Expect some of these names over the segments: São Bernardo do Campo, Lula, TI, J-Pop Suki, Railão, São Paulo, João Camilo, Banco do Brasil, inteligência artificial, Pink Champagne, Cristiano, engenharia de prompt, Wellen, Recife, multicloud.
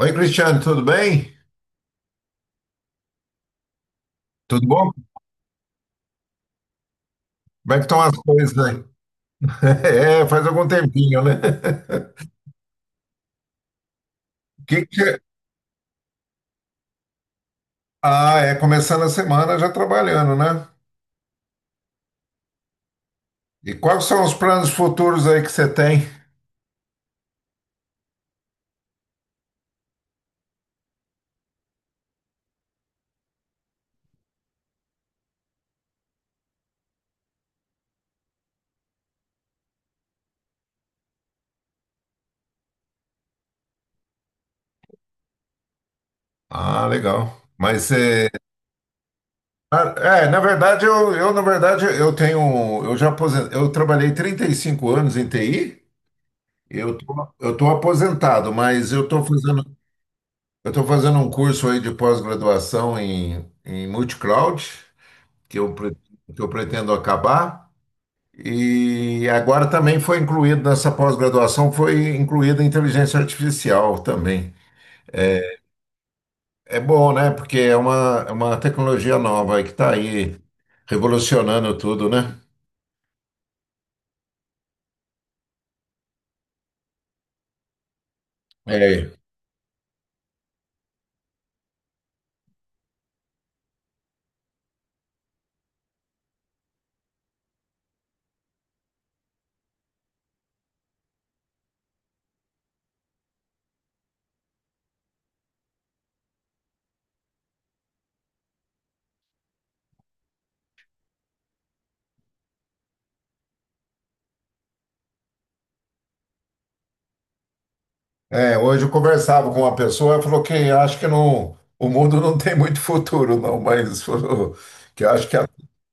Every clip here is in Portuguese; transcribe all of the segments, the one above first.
Oi, Cristiano, tudo bem? Tudo bom? Como é que estão as coisas aí? Faz algum tempinho, né? Que... é? Ah, é começando a semana já trabalhando, né? E quais são os planos futuros aí que você tem? Ah, legal. Na verdade eu tenho eu trabalhei 35 anos em TI. Eu tô aposentado, mas eu tô fazendo um curso aí de pós-graduação em multicloud. que eu, pre- que eu pretendo acabar. E agora também foi incluído nessa pós-graduação, foi incluída a inteligência artificial também. É bom, né? Porque é uma tecnologia nova aí que está aí revolucionando tudo, né? É. É, hoje eu conversava com uma pessoa, ela falou que acho que não, o mundo não tem muito futuro, não, mas falou que acho que, a-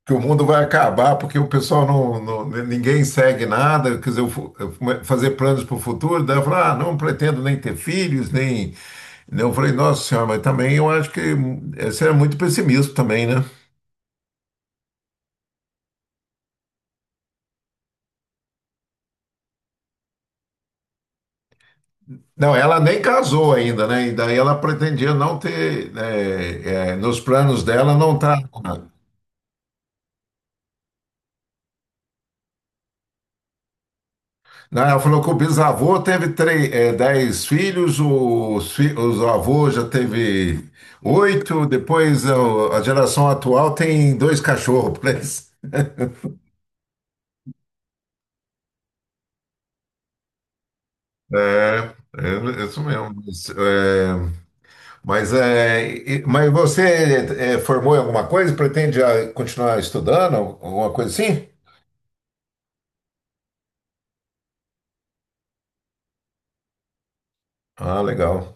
que o mundo vai acabar porque o pessoal ninguém segue nada, quer dizer, fazer planos para o futuro, daí eu falei, ah, não pretendo nem ter filhos, nem. Eu falei, nossa senhora, mas também eu acho que você é muito pessimista também, né? Não, ela nem casou ainda, né? E daí ela pretendia não ter, nos planos dela não tá. Né? Ela falou que o bisavô teve dez filhos, os avôs já teve oito, a geração atual tem dois cachorros. Por isso. É, é isso mesmo. Mas, é, mas você formou em alguma coisa? Pretende continuar estudando? Alguma coisa assim? Ah, legal.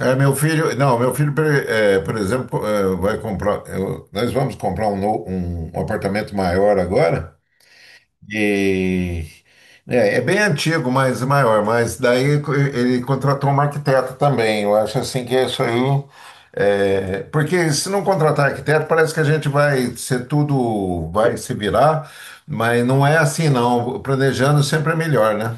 É, meu filho, não, Meu filho, por exemplo, nós vamos comprar um apartamento maior agora. E é, é bem antigo, mas é maior. Mas daí ele contratou um arquiteto também. Eu acho assim que isso aí. É, porque se não contratar arquiteto, parece que a gente vai ser tudo, vai se virar, mas não é assim, não. Planejando sempre é melhor, né?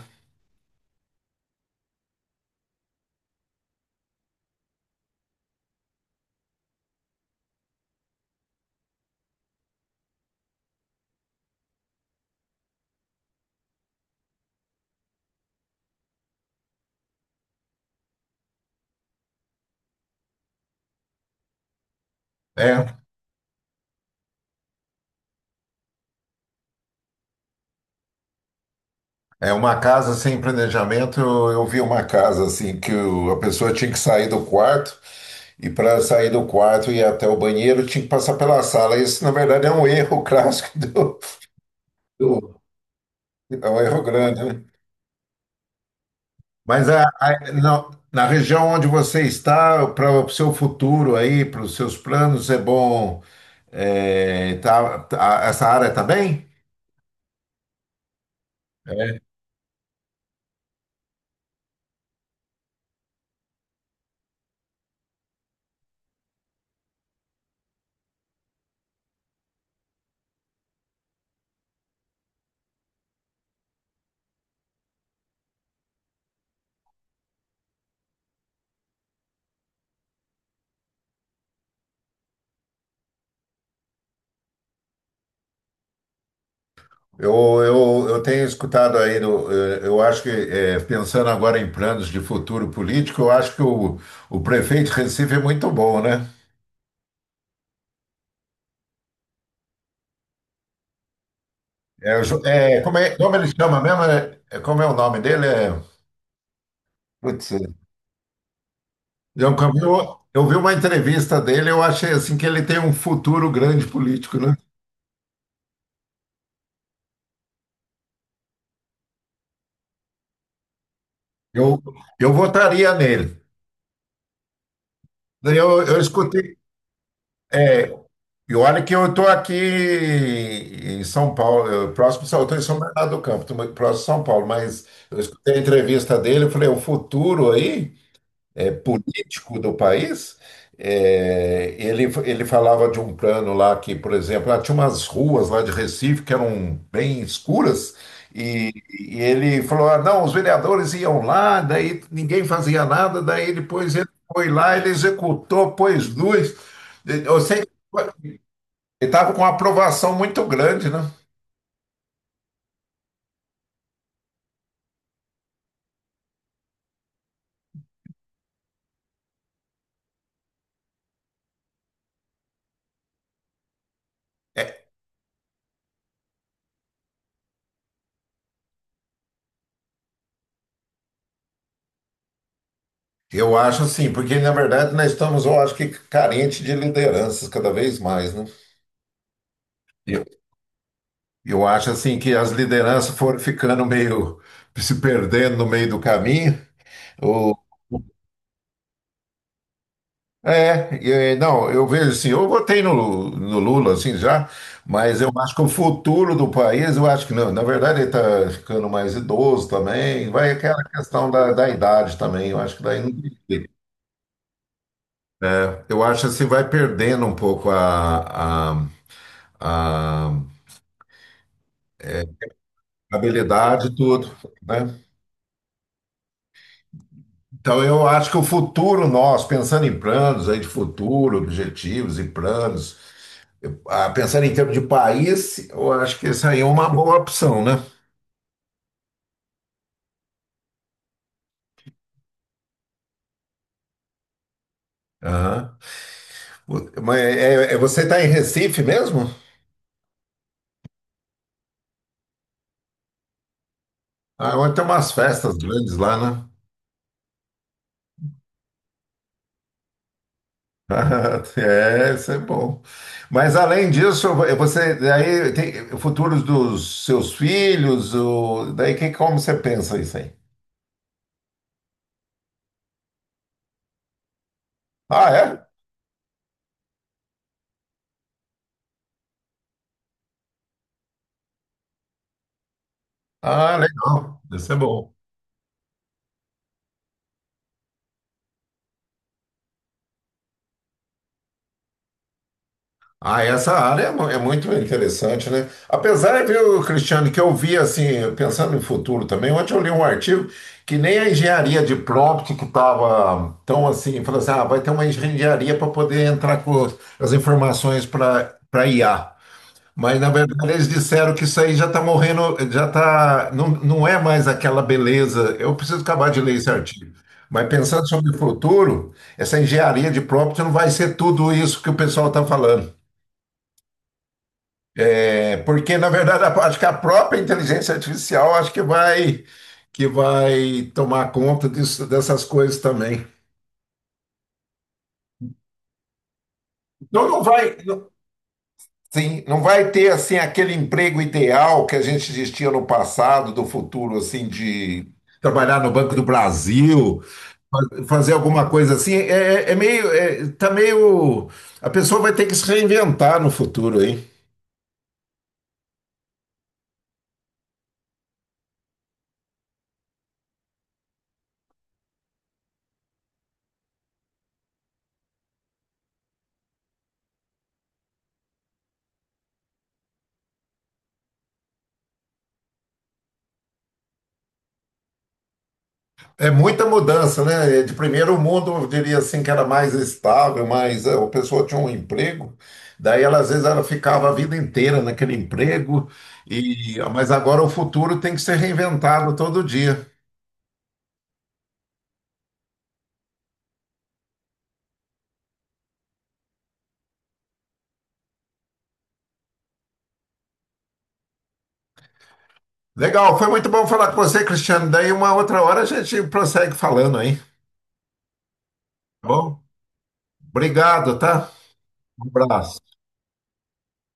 É, é uma casa sem planejamento. Eu vi uma casa assim a pessoa tinha que sair do quarto e para sair do quarto e ir até o banheiro tinha que passar pela sala. Isso, na verdade, é um erro clássico do- é um erro grande, né? Na região onde você está, para o seu futuro aí, para os seus planos, é bom. Essa área está bem? Eu, eu tenho escutado aí. Eu acho que, eh, Pensando agora em planos de futuro político, eu acho que o prefeito de Recife é muito bom, né? É, o Jo- é, como é, Como ele chama mesmo? Como é o nome dele? Putz, é, João Camilo, eu vi uma entrevista dele, eu achei assim que ele tem um futuro grande político, né? Eu, eu votaria nele. Daí eu eu escutei. É, e olha que eu estou aqui em São Paulo, eu estou em São Bernardo do Campo, tô muito próximo de São Paulo, mas eu escutei a entrevista dele, eu falei, o futuro aí? É, político do país, é, ele falava de um plano lá que, por exemplo, lá tinha umas ruas lá de Recife que eram bem escuras, e ele falou: ah, não, os vereadores iam lá, daí ninguém fazia nada, daí depois ele foi lá, ele executou, pôs luz. Eu sei que ele estava com uma aprovação muito grande, né? Eu acho assim, porque na verdade nós estamos, eu acho que carente de lideranças cada vez mais, né? Eu acho assim que as lideranças foram ficando meio se perdendo no meio do caminho. Ou, é, e, eh, Não, eu vejo assim, eu votei no, Lu- no Lula assim já, mas eu acho que o futuro do país, eu acho que não, na verdade ele está ficando mais idoso também, vai aquela questão da idade também, eu acho que daí não tem jeito. Eu acho assim, vai perdendo um pouco a habilidade e tudo, né? Então, eu acho que o futuro nosso, pensando em planos aí de futuro, objetivos e planos, pensando em termos de país, eu acho que isso aí é uma boa opção, né? Aham. Você está em Recife mesmo? Ah, onde tem umas festas grandes lá, né? Ah, é, isso é bom. Mas além disso, você daí tem futuros dos seus filhos, como você pensa isso aí? Ah, é? Ah, legal. Isso é bom. Ah, essa área é muito interessante, né? Apesar, viu, Cristiano, que eu vi assim, pensando no futuro também, ontem eu li um artigo que nem a engenharia de prompt que estava tão assim, falou assim, ah, vai ter uma engenharia para poder entrar com as informações para IA. Mas, na verdade, eles disseram que isso aí já está morrendo, já está, não, não é mais aquela beleza. Eu preciso acabar de ler esse artigo. Mas pensando sobre o futuro, essa engenharia de prompt não vai ser tudo isso que o pessoal está falando. É porque, na verdade, acho que a própria inteligência artificial acho que vai tomar conta disso, dessas coisas também. Não, não vai, não- sim, não vai ter assim aquele emprego ideal que a gente existia no passado, do futuro assim de trabalhar no Banco do Brasil, fazer alguma coisa assim. Tá meio, a pessoa vai ter que se reinventar no futuro, hein? É muita mudança, né? É, de primeiro mundo, eu diria assim que era mais estável, mas é, a pessoa tinha um emprego, daí ela, às vezes ela ficava a vida inteira naquele emprego, e mas agora o futuro tem que ser reinventado todo dia. Legal, foi muito bom falar com você, Cristiano. Daí uma outra hora a gente prossegue falando aí, tá bom? Obrigado, tá? Um abraço.